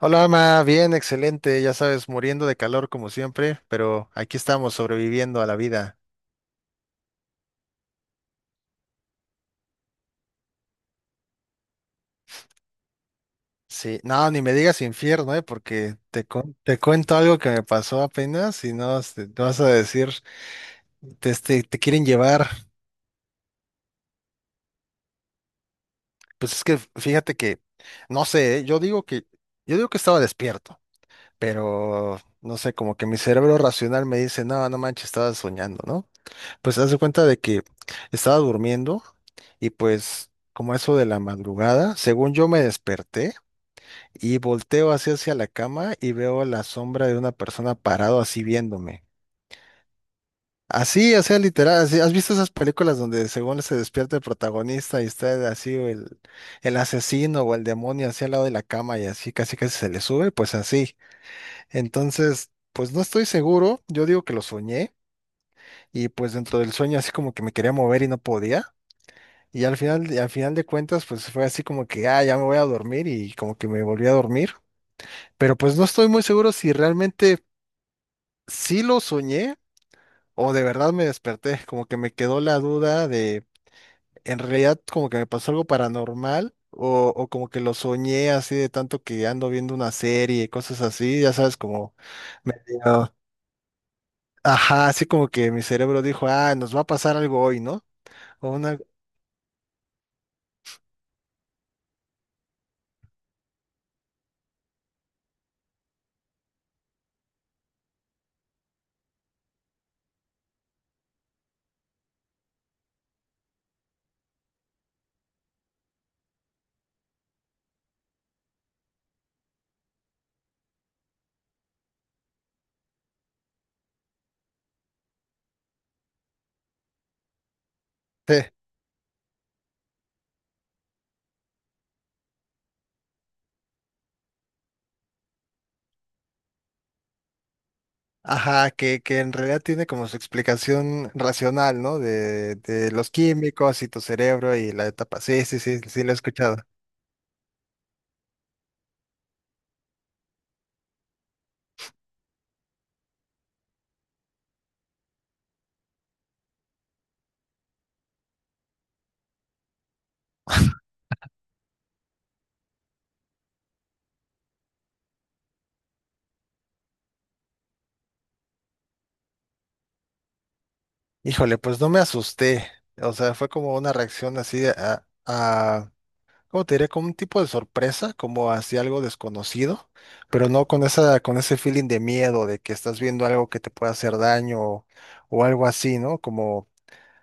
Hola, Ama, bien, excelente, ya sabes, muriendo de calor como siempre, pero aquí estamos sobreviviendo a la vida. Sí, no, ni me digas infierno, porque te, te cuento algo que me pasó apenas y no vas a decir, te quieren llevar. Pues es que fíjate que, no sé, yo digo que estaba despierto, pero no sé, como que mi cerebro racional me dice, no, no manches, estaba soñando, ¿no? Pues haz de cuenta de que estaba durmiendo y pues como eso de la madrugada, según yo me desperté y volteo así hacia la cama y veo la sombra de una persona parado así viéndome. Así, o sea, literal, así, ¿has visto esas películas donde según se despierta el protagonista y está así o el asesino o el demonio así al lado de la cama y así casi casi se le sube? Pues así. Entonces, pues no estoy seguro, yo digo que lo soñé y pues dentro del sueño así como que me quería mover y no podía. Y al final de cuentas, pues fue así como que, ah, ya me voy a dormir y como que me volví a dormir. Pero pues no estoy muy seguro si realmente sí lo soñé o de verdad me desperté. Como que me quedó la duda de, en realidad como que me pasó algo paranormal o como que lo soñé así de tanto que ando viendo una serie y cosas así, ya sabes, como medio, ajá, así como que mi cerebro dijo, ah, nos va a pasar algo hoy, ¿no? O una... sí. Ajá, que en realidad tiene como su explicación racional, ¿no? De los químicos y tu cerebro y la etapa. Sí, sí, sí, sí, lo he escuchado. Híjole, pues no me asusté. O sea, fue como una reacción así de a, ¿cómo te diré? Como un tipo de sorpresa, como hacia algo desconocido, pero no con esa, con ese feeling de miedo, de que estás viendo algo que te puede hacer daño o algo así, ¿no?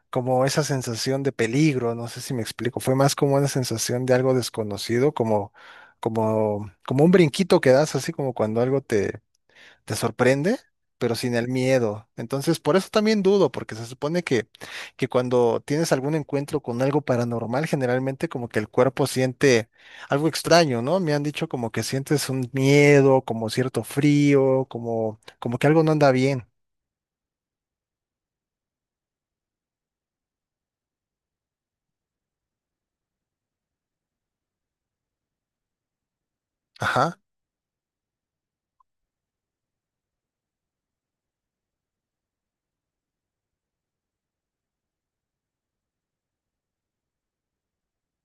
Como esa sensación de peligro, no sé si me explico, fue más como una sensación de algo desconocido, como un brinquito que das, así como cuando algo te, te sorprende, pero sin el miedo. Entonces, por eso también dudo, porque se supone que cuando tienes algún encuentro con algo paranormal, generalmente como que el cuerpo siente algo extraño, ¿no? Me han dicho como que sientes un miedo, como cierto frío, como, como que algo no anda bien. Ajá,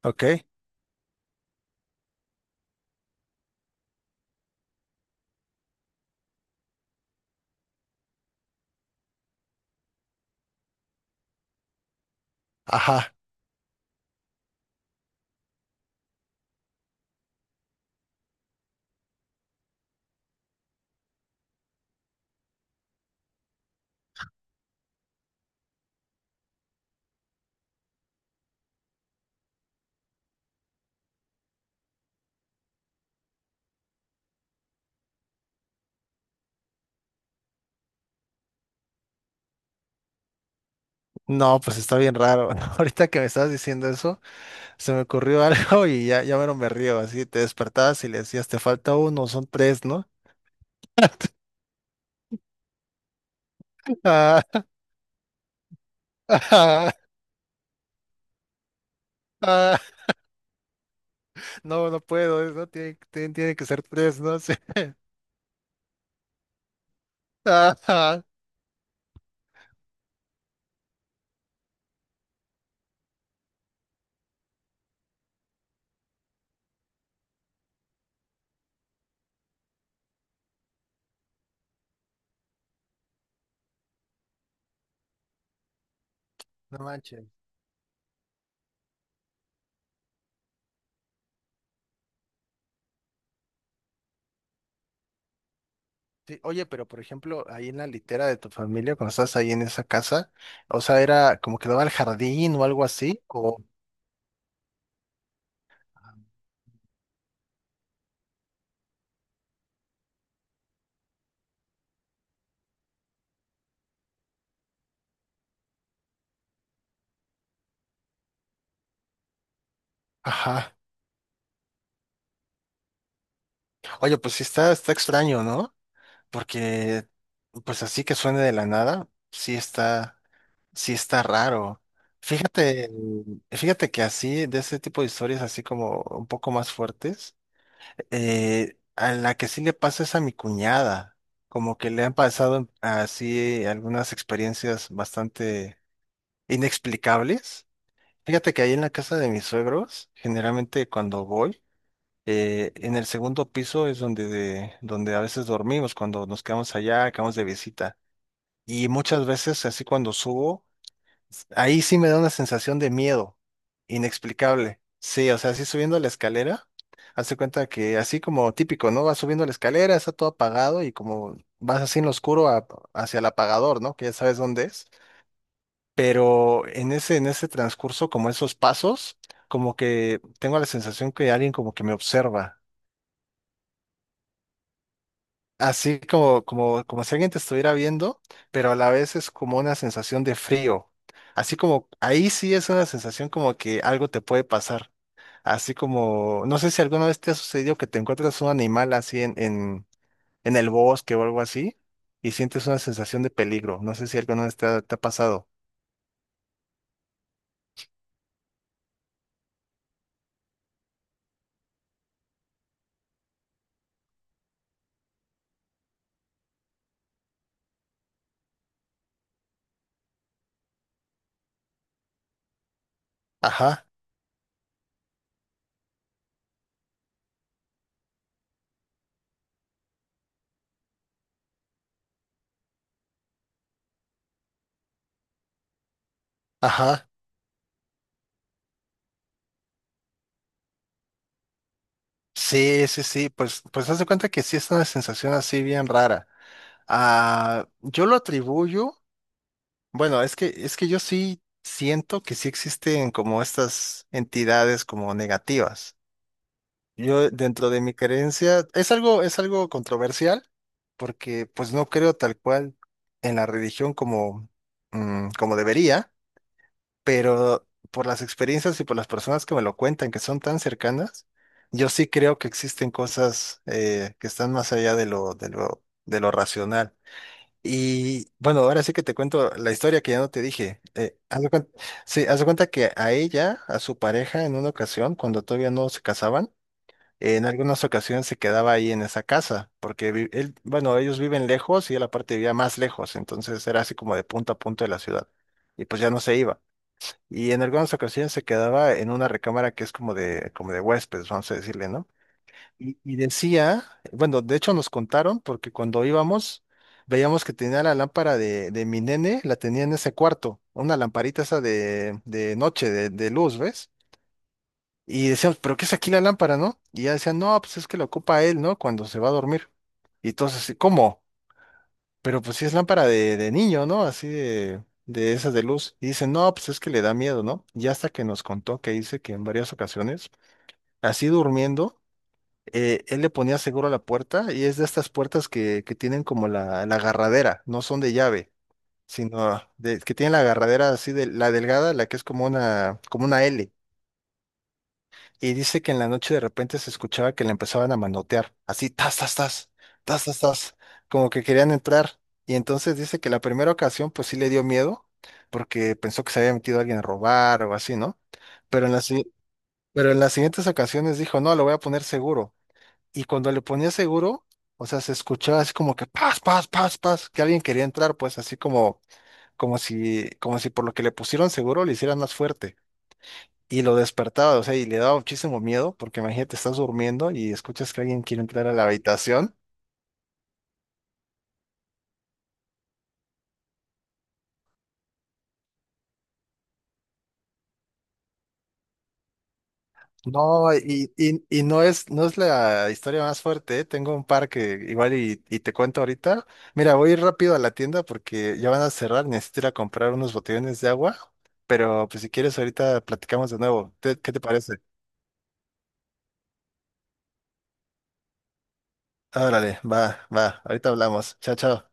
ok, ajá. No, pues está bien raro. Ahorita que me estabas diciendo eso, se me ocurrió algo y ya, ya mero me río. Así te despertabas y le decías, te falta uno, son tres, ¿no? Ah, ah, ah, no, no puedo, no tiene, tiene que ser tres, ¿no? sé. Ah, ah, no manches. Sí, oye, pero por ejemplo, ahí en la litera de tu familia, cuando estás ahí en esa casa, o sea, era como que daba al jardín o algo así, o... Ajá. Oye, pues sí está, está extraño, ¿no? Porque, pues así que suene de la nada, sí está raro. Fíjate, fíjate que así, de ese tipo de historias así como un poco más fuertes, a la que sí le pasa es a mi cuñada. Como que le han pasado así algunas experiencias bastante inexplicables. Fíjate que ahí en la casa de mis suegros, generalmente cuando voy, en el segundo piso es donde, donde a veces dormimos, cuando nos quedamos allá, acabamos de visita. Y muchas veces, así cuando subo, ahí sí me da una sensación de miedo, inexplicable. Sí, o sea, así subiendo la escalera, hace cuenta que así como típico, ¿no? Vas subiendo la escalera, está todo apagado y como vas así en lo oscuro hacia el apagador, ¿no? Que ya sabes dónde es. Pero en ese transcurso, como esos pasos, como que tengo la sensación que alguien como que me observa así como si alguien te estuviera viendo, pero a la vez es como una sensación de frío. Así como, ahí sí es una sensación como que algo te puede pasar. Así como, no sé si alguna vez te ha sucedido que te encuentras un animal así en el bosque o algo así y sientes una sensación de peligro. No sé si alguna vez te ha pasado. Ajá, ajá. Sí, sí, sí. Pues, pues haz de cuenta que sí es una sensación así bien rara. Ah, yo lo atribuyo. Bueno, es que yo sí siento que sí existen como estas entidades como negativas. Yo dentro de mi creencia es algo controversial porque pues no creo tal cual en la religión como, mm, como debería, pero por las experiencias y por las personas que me lo cuentan, que son tan cercanas, yo sí creo que existen cosas que están más allá de lo, de lo racional. Y bueno, ahora sí que te cuento la historia que ya no te dije. Sí, haz de cuenta que a ella, a su pareja, en una ocasión, cuando todavía no se casaban, en algunas ocasiones se quedaba ahí en esa casa, porque él, bueno, ellos viven lejos y él aparte vivía más lejos, entonces era así como de punto a punto de la ciudad. Y pues ya no se iba. Y en algunas ocasiones se quedaba en una recámara que es como de huéspedes, vamos a decirle, ¿no? Y decía, bueno, de hecho nos contaron, porque cuando íbamos, veíamos que tenía la lámpara de mi nene, la tenía en ese cuarto, una lamparita esa de noche, de luz, ¿ves? Y decíamos, ¿pero qué es aquí la lámpara, no? Y ya decían, no, pues es que la ocupa él, ¿no? Cuando se va a dormir. Y entonces, así, ¿cómo? Pero pues sí es lámpara de niño, ¿no? Así de esas de luz. Y dicen, no, pues es que le da miedo, ¿no? Y hasta que nos contó que dice que en varias ocasiones, así durmiendo, él le ponía seguro a la puerta y es de estas puertas que tienen como la agarradera, no son de llave, sino de, que tienen la agarradera así de la delgada, la que es como una L. Y dice que en la noche de repente se escuchaba que le empezaban a manotear, así, tas, tas, tas, tas, tas, tas, como que querían entrar. Y entonces dice que la primera ocasión pues sí le dio miedo porque pensó que se había metido alguien a robar o así, ¿no? Pero en las, si- pero en las siguientes ocasiones dijo, no, lo voy a poner seguro y cuando le ponía seguro, o sea, se escuchaba así como que paz, paz, paz, paz, que alguien quería entrar, pues así como, como si por lo que le pusieron seguro le hicieran más fuerte. Y lo despertaba, o sea, y le daba muchísimo miedo, porque imagínate, estás durmiendo y escuchas que alguien quiere entrar a la habitación. No, y no es, no es la historia más fuerte, ¿eh? Tengo un par que igual y te cuento ahorita. Mira, voy a ir rápido a la tienda porque ya van a cerrar, necesito ir a comprar unos botellones de agua, pero pues si quieres ahorita platicamos de nuevo. ¿Qué te parece? Órale, va, va, ahorita hablamos. Chao, chao.